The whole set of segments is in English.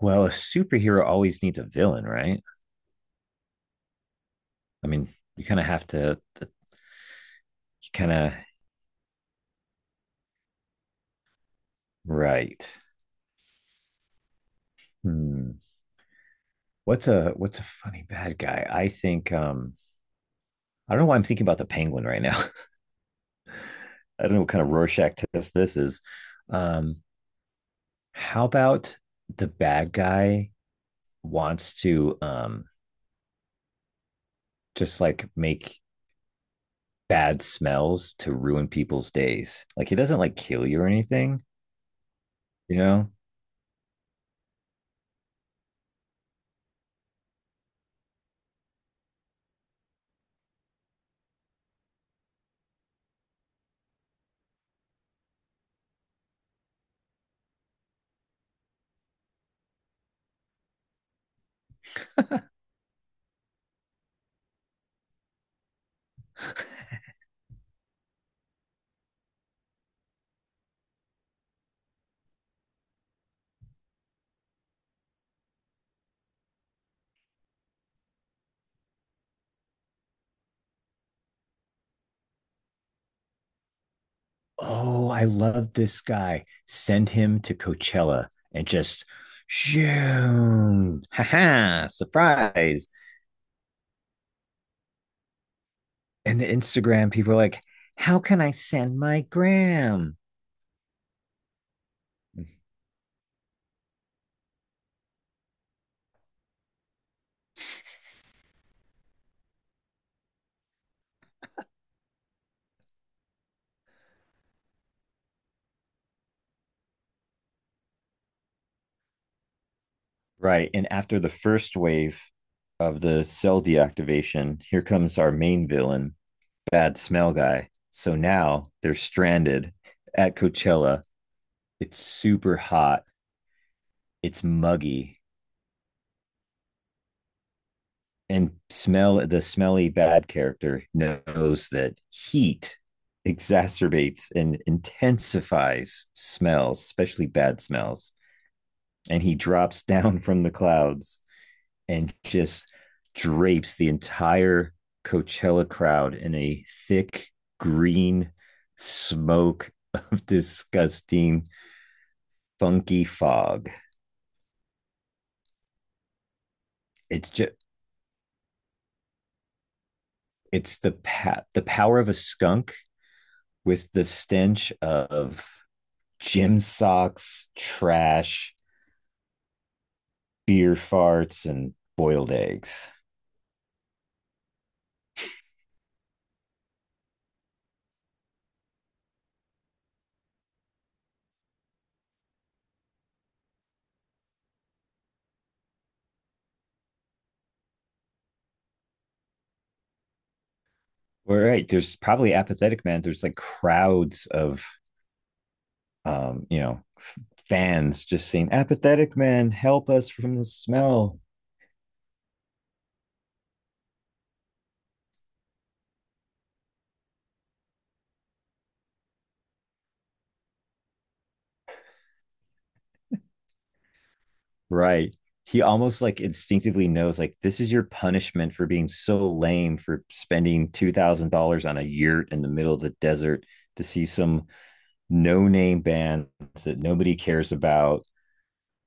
Well, a superhero always needs a villain, right? I mean, you kind of have to, you kind of, right. Hmm. What's a funny bad guy? I think I don't know why I'm thinking about the penguin right now. I don't know what kind of Rorschach test this is. Um how about the bad guy wants to just like make bad smells to ruin people's days? Like he doesn't like kill you or anything, you know? Oh, I love this guy. Send him to Coachella and just shoom. Ha ha, surprise. And the Instagram people are like, how can I send my gram? Right. And after the first wave of the cell deactivation, here comes our main villain, Bad Smell Guy. So now they're stranded at Coachella. It's super hot. It's muggy. And smell the smelly bad character knows that heat exacerbates and intensifies smells, especially bad smells. And he drops down from the clouds and just drapes the entire Coachella crowd in a thick green smoke of disgusting funky fog. It's just it's the the power of a skunk with the stench of gym socks, trash, beer farts, and boiled eggs. We Right. There's probably apathetic man. There's like crowds of um, you know, fans just saying, Apathetic man, help us from the smell. Right. He almost like instinctively knows like this is your punishment for being so lame for spending $2,000 on a yurt in the middle of the desert to see some no-name band that nobody cares about,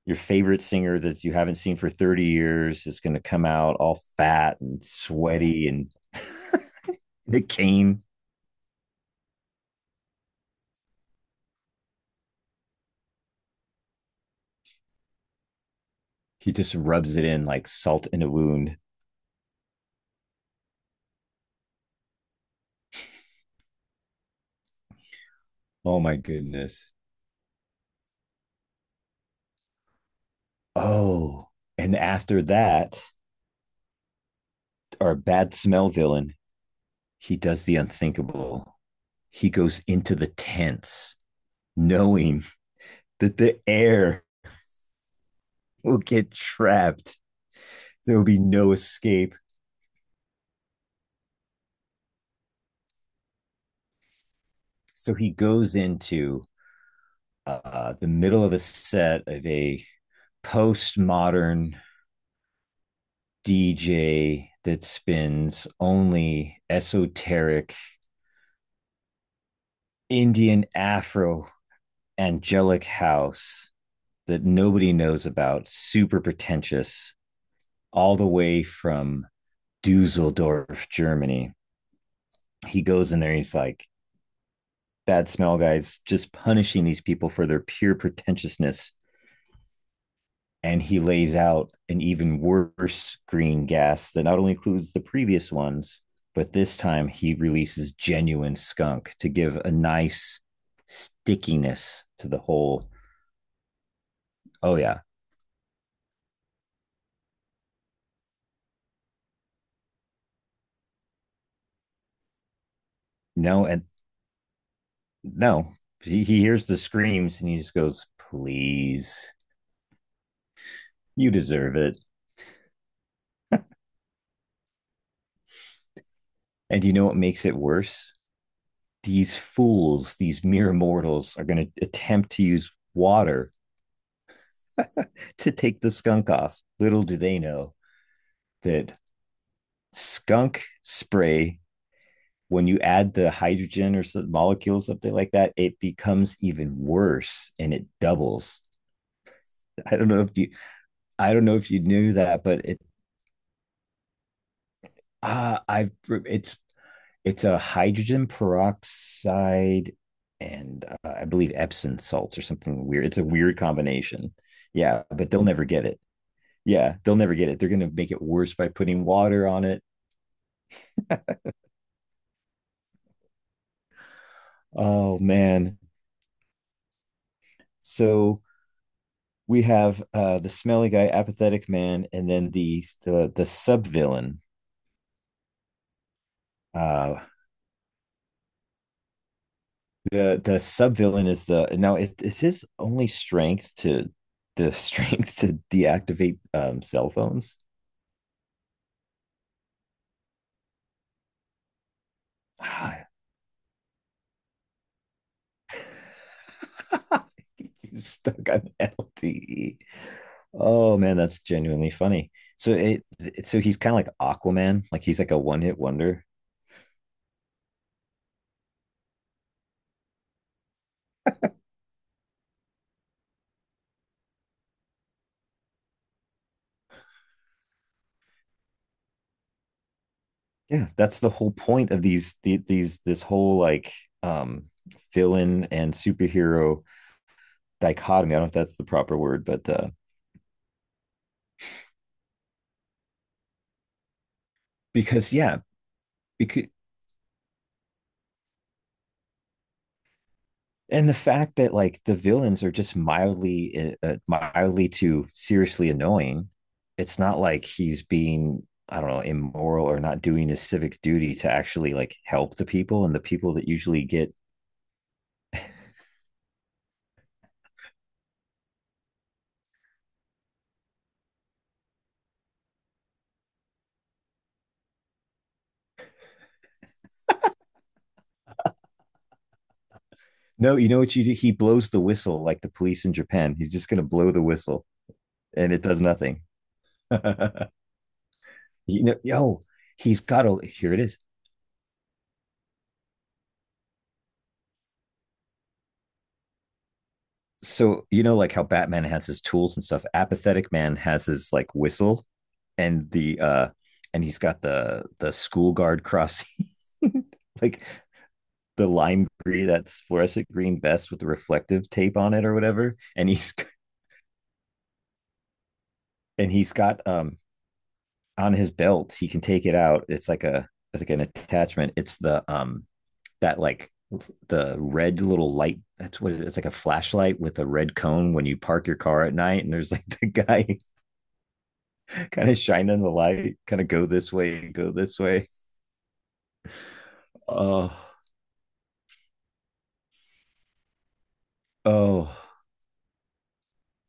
your favorite singer that you haven't seen for 30 years is going to come out all fat and sweaty and Nick Kane, he just rubs it in like salt in a wound. Oh my goodness. Oh, and after that, our bad smell villain, he does the unthinkable. He goes into the tents knowing that the air will get trapped, there will be no escape. So he goes into the middle of a set of a postmodern DJ that spins only esoteric Indian Afro angelic house that nobody knows about, super pretentious, all the way from Dusseldorf, Germany. He goes in there, he's like, Bad smell guys just punishing these people for their pure pretentiousness, and he lays out an even worse green gas that not only includes the previous ones, but this time he releases genuine skunk to give a nice stickiness to the whole. Oh yeah, no, and no. He hears the screams and he just goes, "Please, you deserve it." And you know what makes it worse? These fools, these mere mortals, are going to attempt to use water to take the skunk off. Little do they know that skunk spray, when you add the hydrogen or some molecule something like that, it becomes even worse and it doubles. I don't know if you I don't know if you knew that, but it ah I've it's it's a hydrogen peroxide and I believe epsom salts or something weird, it's a weird combination. yeah but they'll never get it yeah, they'll never get it, they're going to make it worse by putting water on it. Oh man. So we have the smelly guy, apathetic man, and then the sub villain. Uh, the sub villain is the now it is his only strength to the strength to deactivate cell phones. Ah, he's stuck on LTE. Oh man, that's genuinely funny. So it so he's kind of like Aquaman, like he's like a one hit wonder. Yeah, that's the whole point of these the, these this whole like um villain and superhero dichotomy. I don't know if that's the proper word, but because yeah, because and the fact that like the villains are just mildly mildly to seriously annoying. It's not like he's being, I don't know, immoral or not doing his civic duty to actually like help the people and the people that usually get. No, you know what you do? He blows the whistle like the police in Japan. He's just gonna blow the whistle, and it does nothing. You know, yo, he's got to, here it is. So you know like how batman has his tools and stuff, apathetic man has his like whistle, and the and he's got the school guard crossing, like the lime green, that's fluorescent green vest with the reflective tape on it or whatever, and he's, and he's got on his belt, he can take it out, it's like an attachment, it's the that like the red little light, that's what it is. It's like a flashlight with a red cone when you park your car at night and there's like the guy kind of shine in the light, kind of go this way, go this way. Oh, oh,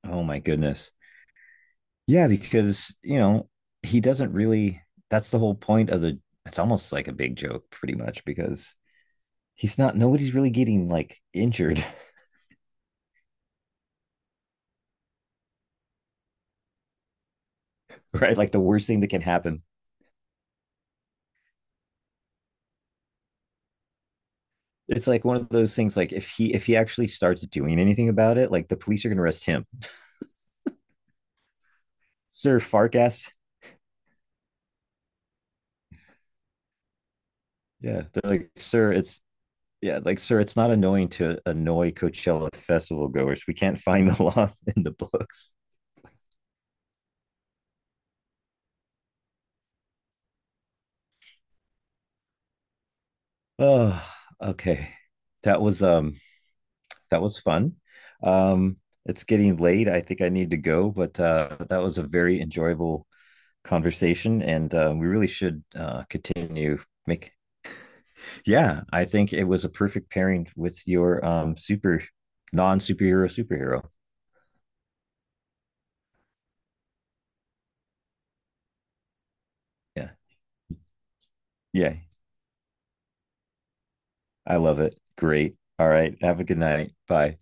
oh my goodness. Yeah, because, you know, he doesn't really, that's the whole point of the, it's almost like a big joke, pretty much, because he's not, nobody's really getting like injured, right? Like the worst thing that can happen. It's like one of those things, like if he actually starts doing anything about it, like the police are going to arrest him. Sir Farkas. Yeah. They're like, sir, it's yeah, like sir, it's not annoying to annoy Coachella festival goers. We can't find the law in the books. Oh, okay. That was um that was fun. Um it's getting late. I think I need to go, but that was a very enjoyable conversation and we really should continue, make, yeah, I think it was a perfect pairing with your super non-superhero superhero. Yeah. Yeah. I love it. Great. All right. Have a good night. Bye.